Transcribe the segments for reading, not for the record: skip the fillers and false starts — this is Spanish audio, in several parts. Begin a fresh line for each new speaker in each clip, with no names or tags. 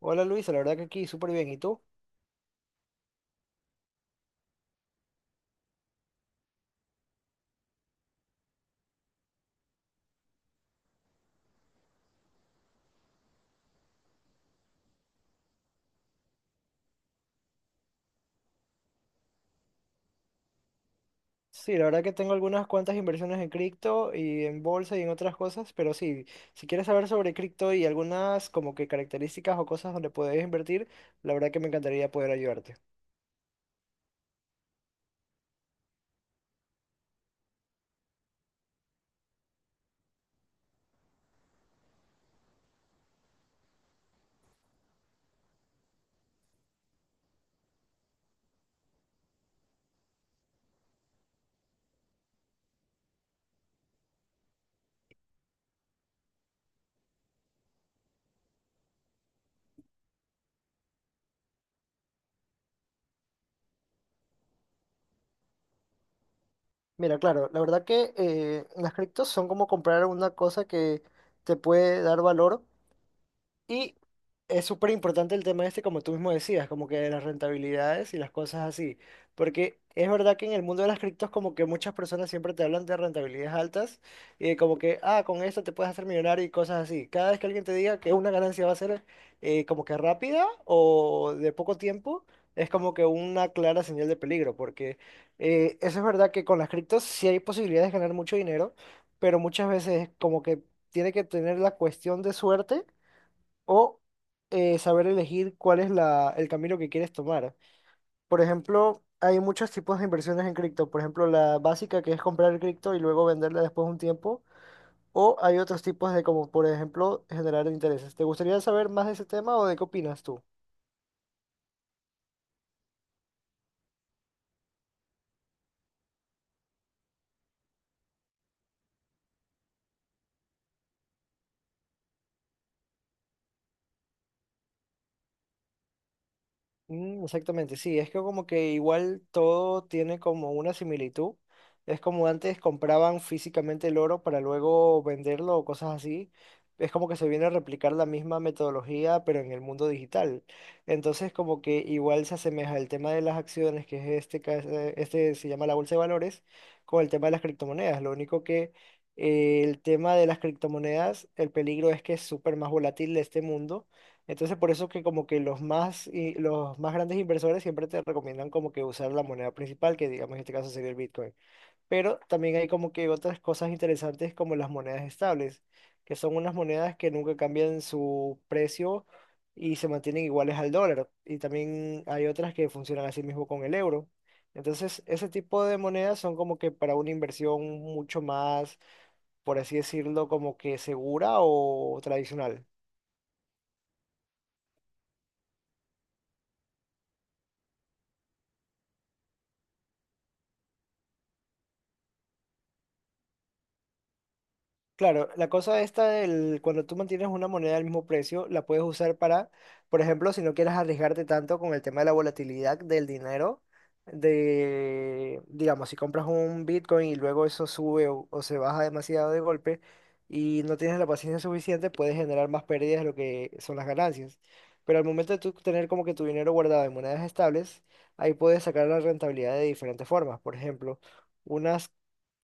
Hola Luis, la verdad que aquí súper bien. ¿Y tú? Sí, la verdad que tengo algunas cuantas inversiones en cripto y en bolsa y en otras cosas, pero sí, si quieres saber sobre cripto y algunas como que características o cosas donde puedes invertir, la verdad que me encantaría poder ayudarte. Mira, claro, la verdad que las criptos son como comprar una cosa que te puede dar valor. Y es súper importante el tema este, como tú mismo decías, como que de las rentabilidades y las cosas así. Porque es verdad que en el mundo de las criptos como que muchas personas siempre te hablan de rentabilidades altas y de como que, ah, con esto te puedes hacer millonario y cosas así. Cada vez que alguien te diga que una ganancia va a ser como que rápida o de poco tiempo, es como que una clara señal de peligro. Porque eso es verdad que con las criptos sí hay posibilidades de ganar mucho dinero, pero muchas veces como que tiene que tener la cuestión de suerte o saber elegir cuál es la, el camino que quieres tomar. Por ejemplo, hay muchos tipos de inversiones en cripto. Por ejemplo, la básica que es comprar el cripto y luego venderla después de un tiempo. O hay otros tipos de como, por ejemplo, generar intereses. ¿Te gustaría saber más de ese tema o de qué opinas tú? Mm, exactamente, sí, es que como que igual todo tiene como una similitud. Es como antes compraban físicamente el oro para luego venderlo o cosas así. Es como que se viene a replicar la misma metodología, pero en el mundo digital. Entonces como que igual se asemeja el tema de las acciones, que es este, este se llama la bolsa de valores, con el tema de las criptomonedas. Lo único que el tema de las criptomonedas, el peligro es que es súper más volátil de este mundo, entonces, por eso que como que los más, los más grandes inversores siempre te recomiendan como que usar la moneda principal, que digamos en este caso sería el Bitcoin. Pero también hay como que otras cosas interesantes como las monedas estables, que son unas monedas que nunca cambian su precio y se mantienen iguales al dólar. Y también hay otras que funcionan así mismo con el euro. Entonces, ese tipo de monedas son como que para una inversión mucho más, por así decirlo, como que segura o tradicional. Claro, la cosa esta del cuando tú mantienes una moneda al mismo precio, la puedes usar para, por ejemplo, si no quieres arriesgarte tanto con el tema de la volatilidad del dinero, de, digamos, si compras un Bitcoin y luego eso sube o se baja demasiado de golpe y no tienes la paciencia suficiente, puedes generar más pérdidas de lo que son las ganancias. Pero al momento de tú tener como que tu dinero guardado en monedas estables, ahí puedes sacar la rentabilidad de diferentes formas. Por ejemplo, unas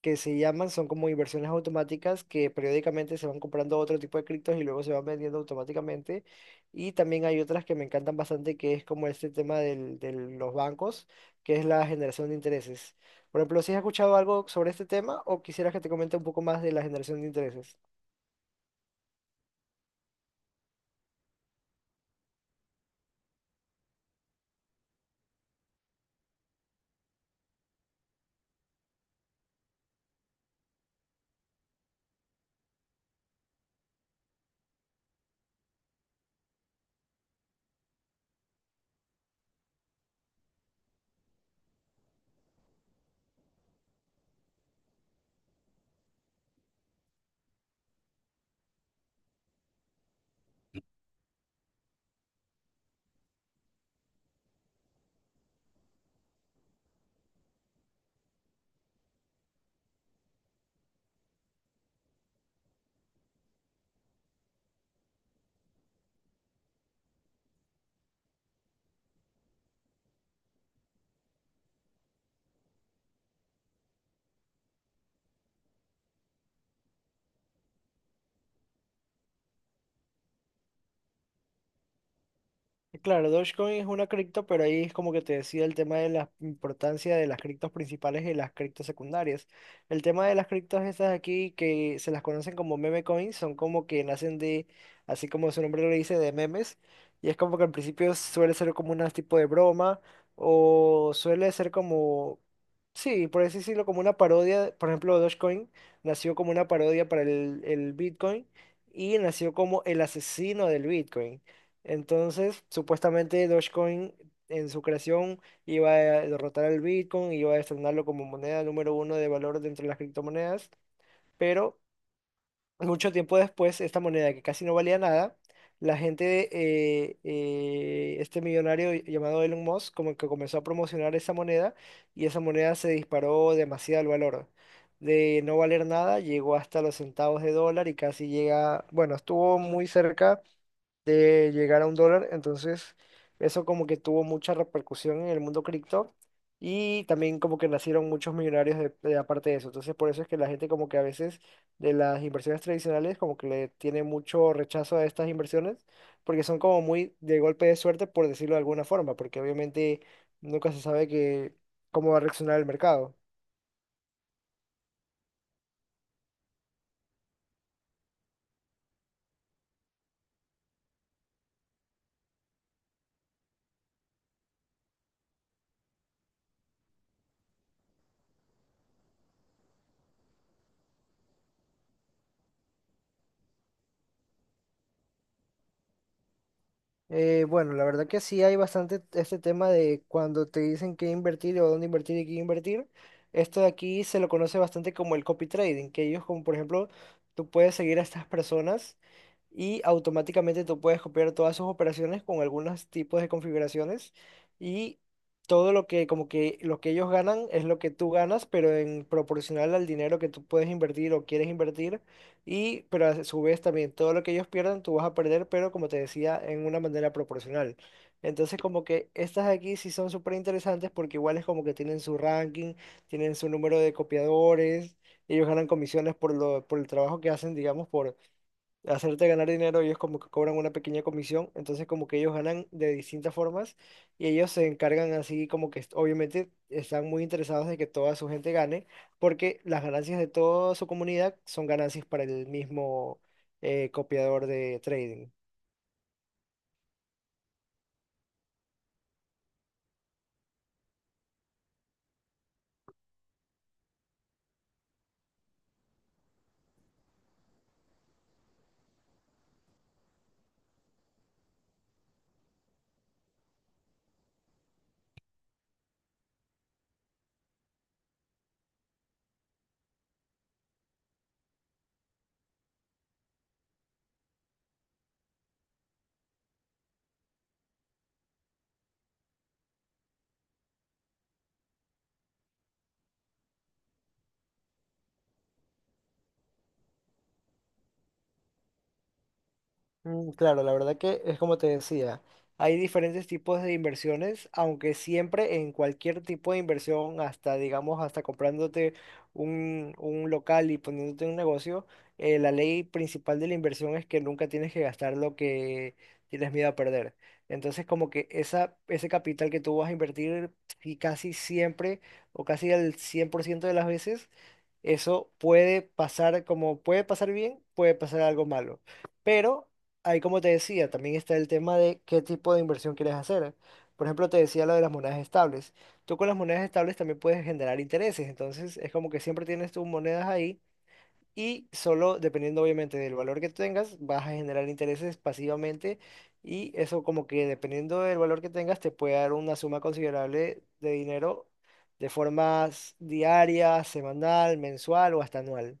que se llaman, son como inversiones automáticas que periódicamente se van comprando otro tipo de criptos y luego se van vendiendo automáticamente. Y también hay otras que me encantan bastante, que es como este tema de los bancos, que es la generación de intereses. Por ejemplo, ¿si has escuchado algo sobre este tema o quisieras que te comente un poco más de la generación de intereses? Claro, Dogecoin es una cripto, pero ahí es como que te decía el tema de la importancia de las criptos principales y las criptos secundarias. El tema de las criptos estas aquí, que se las conocen como meme coins, son como que nacen de, así como su nombre lo dice, de memes. Y es como que al principio suele ser como un tipo de broma, o suele ser como, sí, por así decirlo, como una parodia. Por ejemplo, Dogecoin nació como una parodia para el Bitcoin y nació como el asesino del Bitcoin. Entonces, supuestamente Dogecoin en su creación iba a derrotar al Bitcoin, iba a destronarlo como moneda número uno de valor dentro de las criptomonedas, pero mucho tiempo después, esta moneda que casi no valía nada, la gente, este millonario llamado Elon Musk, como que comenzó a promocionar esa moneda y esa moneda se disparó demasiado el valor. De no valer nada, llegó hasta los centavos de dólar y casi llega, bueno, estuvo muy cerca de llegar a un dólar. Entonces, eso como que tuvo mucha repercusión en el mundo cripto y también como que nacieron muchos millonarios de aparte de eso. Entonces, por eso es que la gente como que a veces de las inversiones tradicionales como que le tiene mucho rechazo a estas inversiones porque son como muy de golpe de suerte, por decirlo de alguna forma, porque obviamente nunca se sabe que, cómo va a reaccionar el mercado. Bueno, la verdad que sí hay bastante este tema de cuando te dicen qué invertir o dónde invertir y qué invertir. Esto de aquí se lo conoce bastante como el copy trading, que ellos como por ejemplo, tú puedes seguir a estas personas y automáticamente tú puedes copiar todas sus operaciones con algunos tipos de configuraciones y todo lo que como que lo que ellos ganan es lo que tú ganas, pero en proporcional al dinero que tú puedes invertir o quieres invertir. Y, pero a su vez también todo lo que ellos pierdan tú vas a perder, pero como te decía, en una manera proporcional. Entonces como que estas aquí sí son súper interesantes porque igual es como que tienen su ranking, tienen su número de copiadores, ellos ganan comisiones por lo, por el trabajo que hacen, digamos, por hacerte ganar dinero, ellos como que cobran una pequeña comisión, entonces como que ellos ganan de distintas formas y ellos se encargan así como que obviamente están muy interesados de que toda su gente gane, porque las ganancias de toda su comunidad son ganancias para el mismo copiador de trading. Mm, claro, la verdad que es como te decía, hay diferentes tipos de inversiones, aunque siempre en cualquier tipo de inversión, hasta digamos, hasta comprándote un local y poniéndote un negocio, la ley principal de la inversión es que nunca tienes que gastar lo que tienes miedo a perder. Entonces, como que esa, ese capital que tú vas a invertir, y casi siempre, o casi el ciento de las veces, eso puede pasar como puede pasar bien, puede pasar algo malo. Pero ahí, como te decía, también está el tema de qué tipo de inversión quieres hacer. Por ejemplo, te decía lo de las monedas estables. Tú con las monedas estables también puedes generar intereses. Entonces, es como que siempre tienes tus monedas ahí y solo dependiendo, obviamente, del valor que tengas, vas a generar intereses pasivamente. Y eso, como que dependiendo del valor que tengas, te puede dar una suma considerable de dinero de formas diaria, semanal, mensual o hasta anual.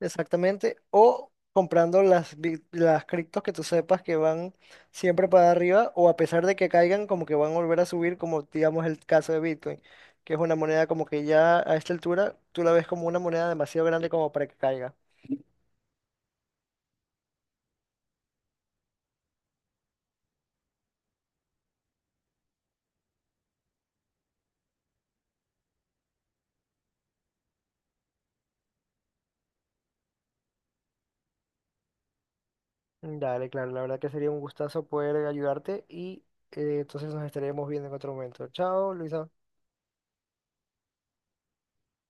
Exactamente. O comprando las, las criptos que tú sepas que van siempre para arriba o a pesar de que caigan, como que van a volver a subir, como digamos el caso de Bitcoin, que es una moneda como que ya a esta altura tú la ves como una moneda demasiado grande como para que caiga. Dale, claro, la verdad que sería un gustazo poder ayudarte y entonces nos estaremos viendo en otro momento. Chao, Luisa.